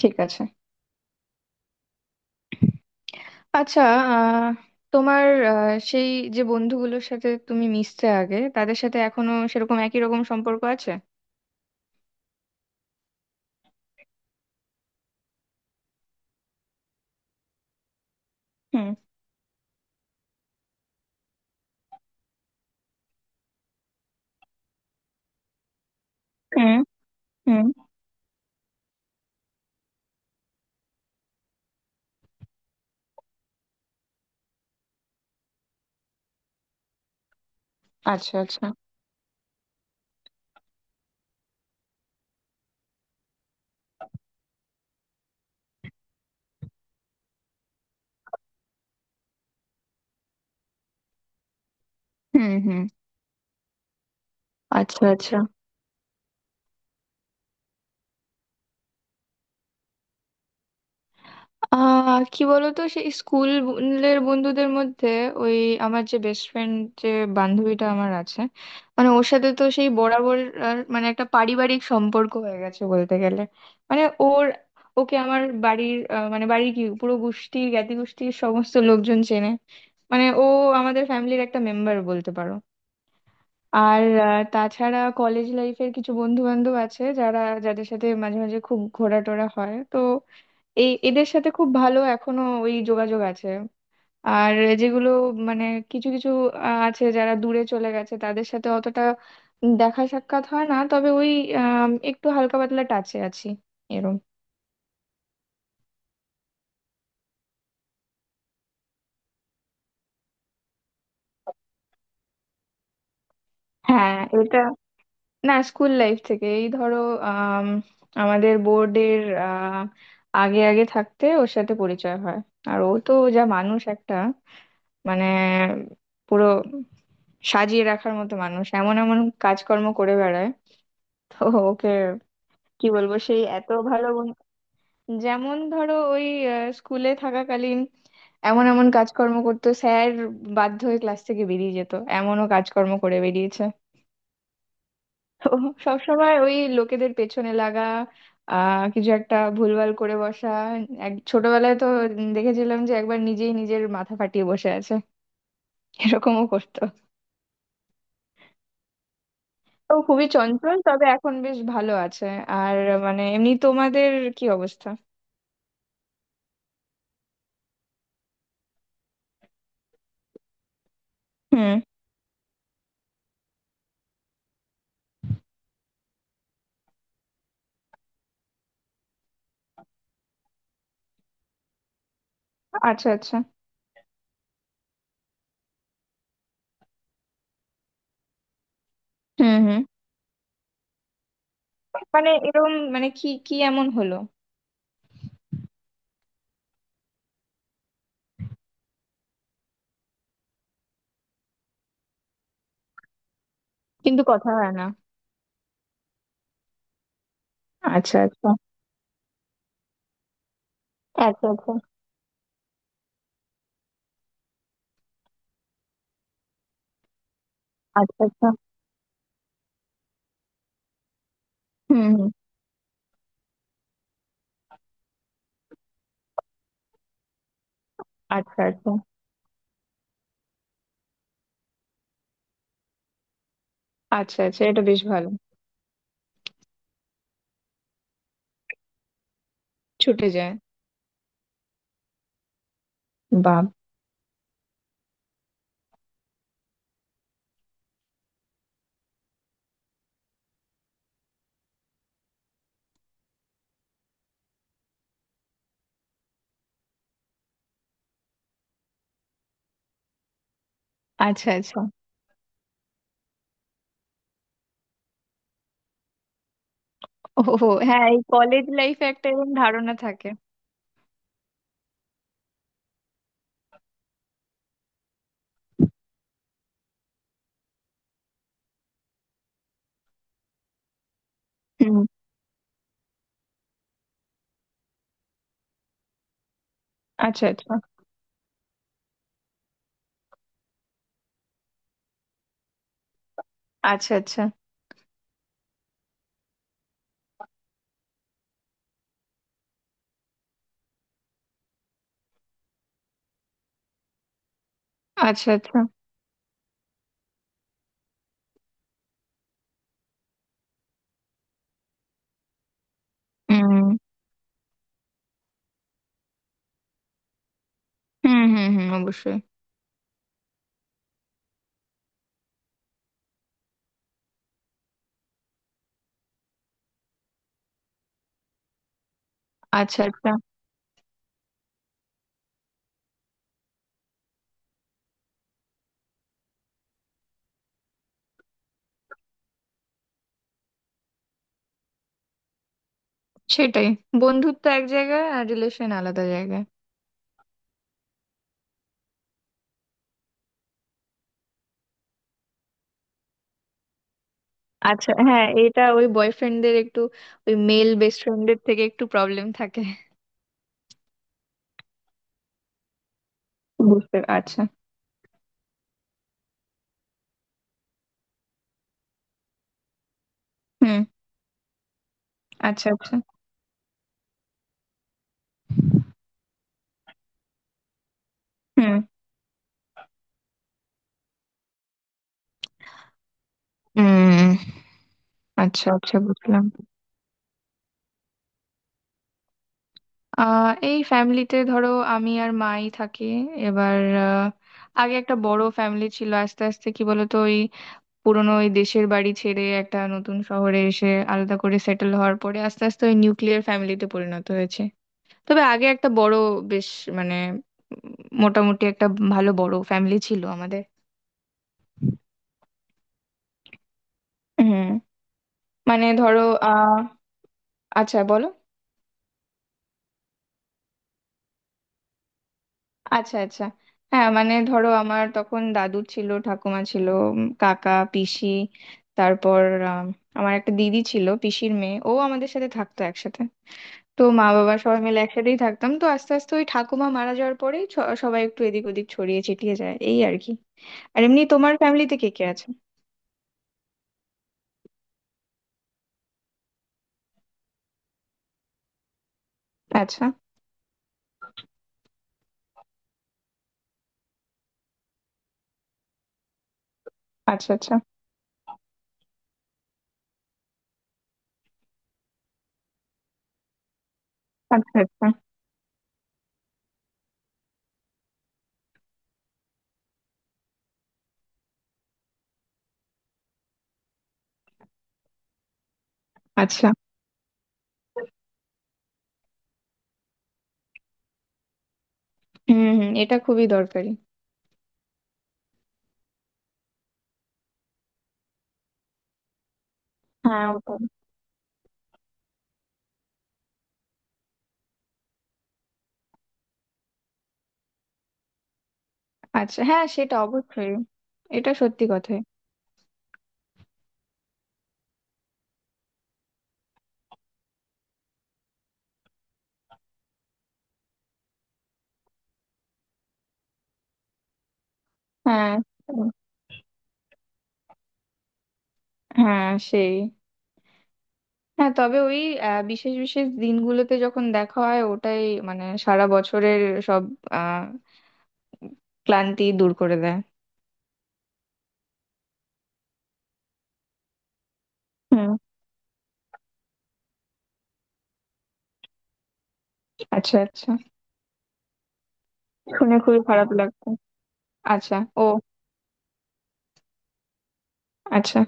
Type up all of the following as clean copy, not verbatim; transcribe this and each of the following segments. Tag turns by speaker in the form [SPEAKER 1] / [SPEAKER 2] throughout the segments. [SPEAKER 1] ঠিক আছে। আচ্ছা। আহ, তোমার সেই যে বন্ধুগুলোর সাথে তুমি মিশতে আগে তাদের সাথে এখনো সেরকম একই রকম সম্পর্ক আছে? হুম হুম হুম। আচ্ছা, আচ্ছা। হুম হুম। আচ্ছা, আচ্ছা। কি বলতো, সেই স্কুলের বন্ধুদের মধ্যে, ওই আমার যে বেস্ট ফ্রেন্ড, যে বান্ধবীটা আমার আছে, মানে ওর সাথে তো সেই বরাবর। আর মানে একটা পারিবারিক সম্পর্ক হয়ে গেছে বলতে গেলে। মানে ওর ওকে আমার বাড়ির মানে বাড়ির কি পুরো গোষ্ঠী জ্ঞাতি গোষ্ঠীর সমস্ত লোকজন চেনে। মানে ও আমাদের ফ্যামিলির একটা মেম্বার বলতে পারো। আর তাছাড়া কলেজ লাইফের কিছু বন্ধু বান্ধব আছে যারা, যাদের সাথে মাঝে মাঝে খুব ঘোরাটোরা হয়, তো এদের সাথে খুব ভালো এখনো ওই যোগাযোগ আছে। আর যেগুলো, মানে কিছু কিছু আছে যারা দূরে চলে গেছে, তাদের সাথে অতটা দেখা সাক্ষাৎ হয় না, তবে ওই একটু হালকা পাতলা টাচে আছি, এরম। হ্যাঁ, এটা, না, স্কুল লাইফ থেকে এই ধরো, আম, আমাদের বোর্ডের আগে আগে থাকতে ওর সাথে পরিচয় হয়। আর ও তো যা মানুষ একটা, মানে পুরো সাজিয়ে রাখার মতো মানুষ, এমন এমন কাজকর্ম করে বেড়ায়। তো ওকে কি বলবো, সেই এত ভালো বন্ধু। যেমন ধরো ওই স্কুলে থাকাকালীন এমন এমন কাজকর্ম করতো, স্যার বাধ্য হয়ে ক্লাস থেকে বেরিয়ে যেত, এমনও কাজকর্ম করে বেরিয়েছে। তো সবসময় ওই লোকেদের পেছনে লাগা, কিছু একটা ভুলভাল করে বসা। এক ছোটবেলায় তো দেখেছিলাম যে একবার নিজেই নিজের মাথা ফাটিয়ে বসে আছে, এরকমও করতো। তো খুবই চঞ্চল, তবে এখন বেশ ভালো আছে। আর মানে এমনি তোমাদের কি অবস্থা? হুম। আচ্ছা, আচ্ছা। হুম হুম। মানে এরকম, মানে কি কি এমন হলো? কিন্তু কথা হয় না? আচ্ছা, আচ্ছা। আচ্ছা, আচ্ছা। আচ্ছা, আচ্ছা। হুম হুম। আচ্ছা, আচ্ছা। আচ্ছা, আচ্ছা। এটা বেশ ভালো। ছুটে যায়। বাপ। আচ্ছা, আচ্ছা। ও, হ্যাঁ, এই কলেজ লাইফে একটা এরকম ধারণা থাকে। হুম। আচ্ছা, আচ্ছা। আচ্ছা, আচ্ছা। আচ্ছা, আচ্ছা। হুম হুম হুম। হুম, অবশ্যই। আচ্ছা, আচ্ছা। সেটাই, বন্ধুত্ব এক জায়গায় আর রিলেশন আলাদা জায়গায়। আচ্ছা, হ্যাঁ, এটা ওই বয়ফ্রেন্ডদের একটু, ওই মেল বেস্ট ফ্রেন্ডদের থেকে একটু প্রবলেম থাকে। বুঝতে, আচ্ছা। হুম। আচ্ছা, আচ্ছা। হুম হুম। আচ্ছা, আচ্ছা, বুঝলাম। এই ফ্যামিলিতে ধরো আমি আর মাই থাকি এবার। আহ, আগে একটা বড় ফ্যামিলি ছিল, আস্তে আস্তে কি বলতো, ওই পুরোনো ওই দেশের বাড়ি ছেড়ে একটা নতুন শহরে এসে আলাদা করে সেটেল হওয়ার পরে আস্তে আস্তে ওই নিউক্লিয়ার ফ্যামিলিতে পরিণত হয়েছে। তবে আগে একটা বড়, বেশ, মানে, উম মোটামুটি একটা ভালো বড় ফ্যামিলি ছিল আমাদের। হুম। মানে ধরো, আহ আচ্ছা বলো। আচ্ছা, আচ্ছা। হ্যাঁ, মানে ধরো আমার তখন দাদু ছিল, ঠাকুমা ছিল, কাকা পিসি, তারপর আম, আমার একটা দিদি ছিল, পিসির মেয়ে, ও আমাদের সাথে থাকতো একসাথে। তো মা বাবা সবাই মিলে একসাথেই থাকতাম। তো আস্তে আস্তে ওই ঠাকুমা মারা যাওয়ার পরেই সবাই একটু এদিক ওদিক ছড়িয়ে ছিটিয়ে যায়, এই আর কি। আর এমনি তোমার ফ্যামিলিতে কে কে আছে? আচ্ছা। আচ্ছা, আচ্ছা। আচ্ছা, আচ্ছা। আচ্ছা। হুম হুম, এটা খুবই দরকারি। হ্যাঁ, ওটাই। আচ্ছা, হ্যাঁ, সেটা অবশ্যই। এটা সত্যি কথাই। হ্যাঁ। উম, হ্যাঁ, সেই। হ্যাঁ, তবে ওই বিশেষ বিশেষ দিনগুলোতে যখন দেখা হয় ওটাই, মানে সারা বছরের সব আহ ক্লান্তি দূর করে দেয়। হুম। আচ্ছা, আচ্ছা। শুনে খুবই খারাপ লাগতো। আচ্ছা। ও। আচ্ছা।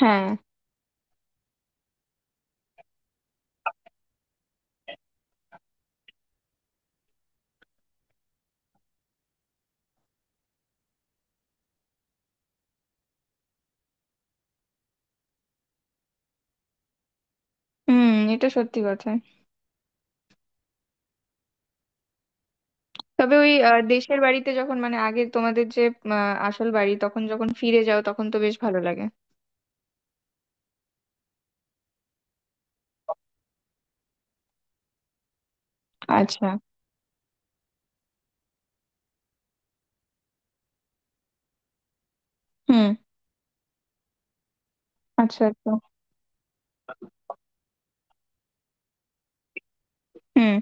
[SPEAKER 1] হ্যাঁ। হুম, এটা সত্যি কথা। তবে ওই দেশের বাড়িতে যখন, মানে আগে তোমাদের যে আসল বাড়ি, তখন যখন ফিরে যাও তখন তো বেশ ভালো লাগে। আচ্ছা। হুম। আচ্ছা, আচ্ছা। হুম।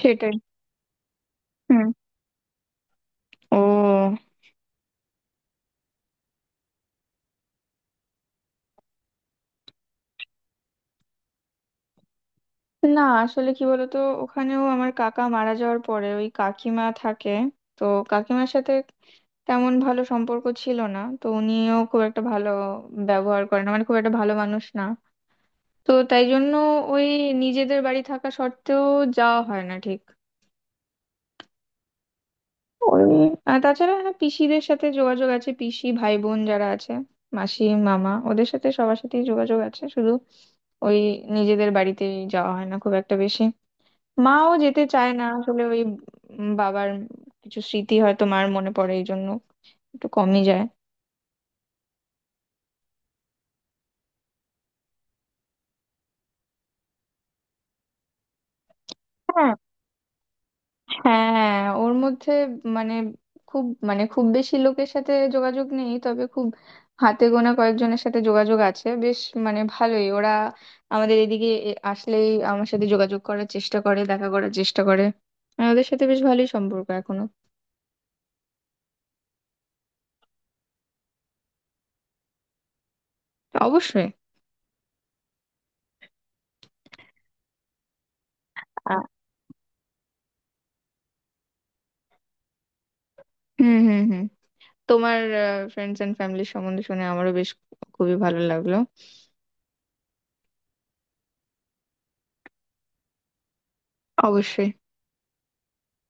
[SPEAKER 1] সেটাই। হুম। ও। না আসলে কি বলতো, ওখানেও আমার কাকা মারা যাওয়ার পরে ওই কাকিমা থাকে। তো কাকিমার সাথে তেমন ভালো সম্পর্ক ছিল না, তো উনিও খুব একটা ভালো ব্যবহার করেন, মানে খুব একটা ভালো মানুষ না। তো তাই জন্য ওই নিজেদের বাড়ি থাকা সত্ত্বেও যাওয়া হয় না ঠিক করবি। আর তাছাড়া হ্যাঁ, পিসিদের সাথে যোগাযোগ আছে, পিসি ভাই বোন যারা আছে, মাসি মামা, ওদের সাথে সবার সাথেই যোগাযোগ আছে। শুধু ওই নিজেদের বাড়িতে যাওয়া হয় না খুব একটা বেশি। মাও যেতে চায় না আসলে, ওই বাবার কিছু স্মৃতি হয়তো মার মনে পড়ে, এই জন্য একটু কমই যায়। হ্যাঁ, ওর মধ্যে মানে খুব মানে খুব বেশি লোকের সাথে যোগাযোগ নেই, তবে খুব হাতে গোনা কয়েকজনের সাথে যোগাযোগ আছে। বেশ মানে ভালোই, ওরা আমাদের এদিকে আসলেই আমার সাথে যোগাযোগ করার চেষ্টা করে, দেখা করার চেষ্টা করে। আর ওদের সাথে বেশ ভালোই সম্পর্ক এখনো। অবশ্যই। আ- হুম হুম হুম। তোমার ফ্রেন্ডস এন্ড ফ্যামিলির সম্বন্ধে শুনে আমারও বেশ খুবই ভালো লাগলো। অবশ্যই।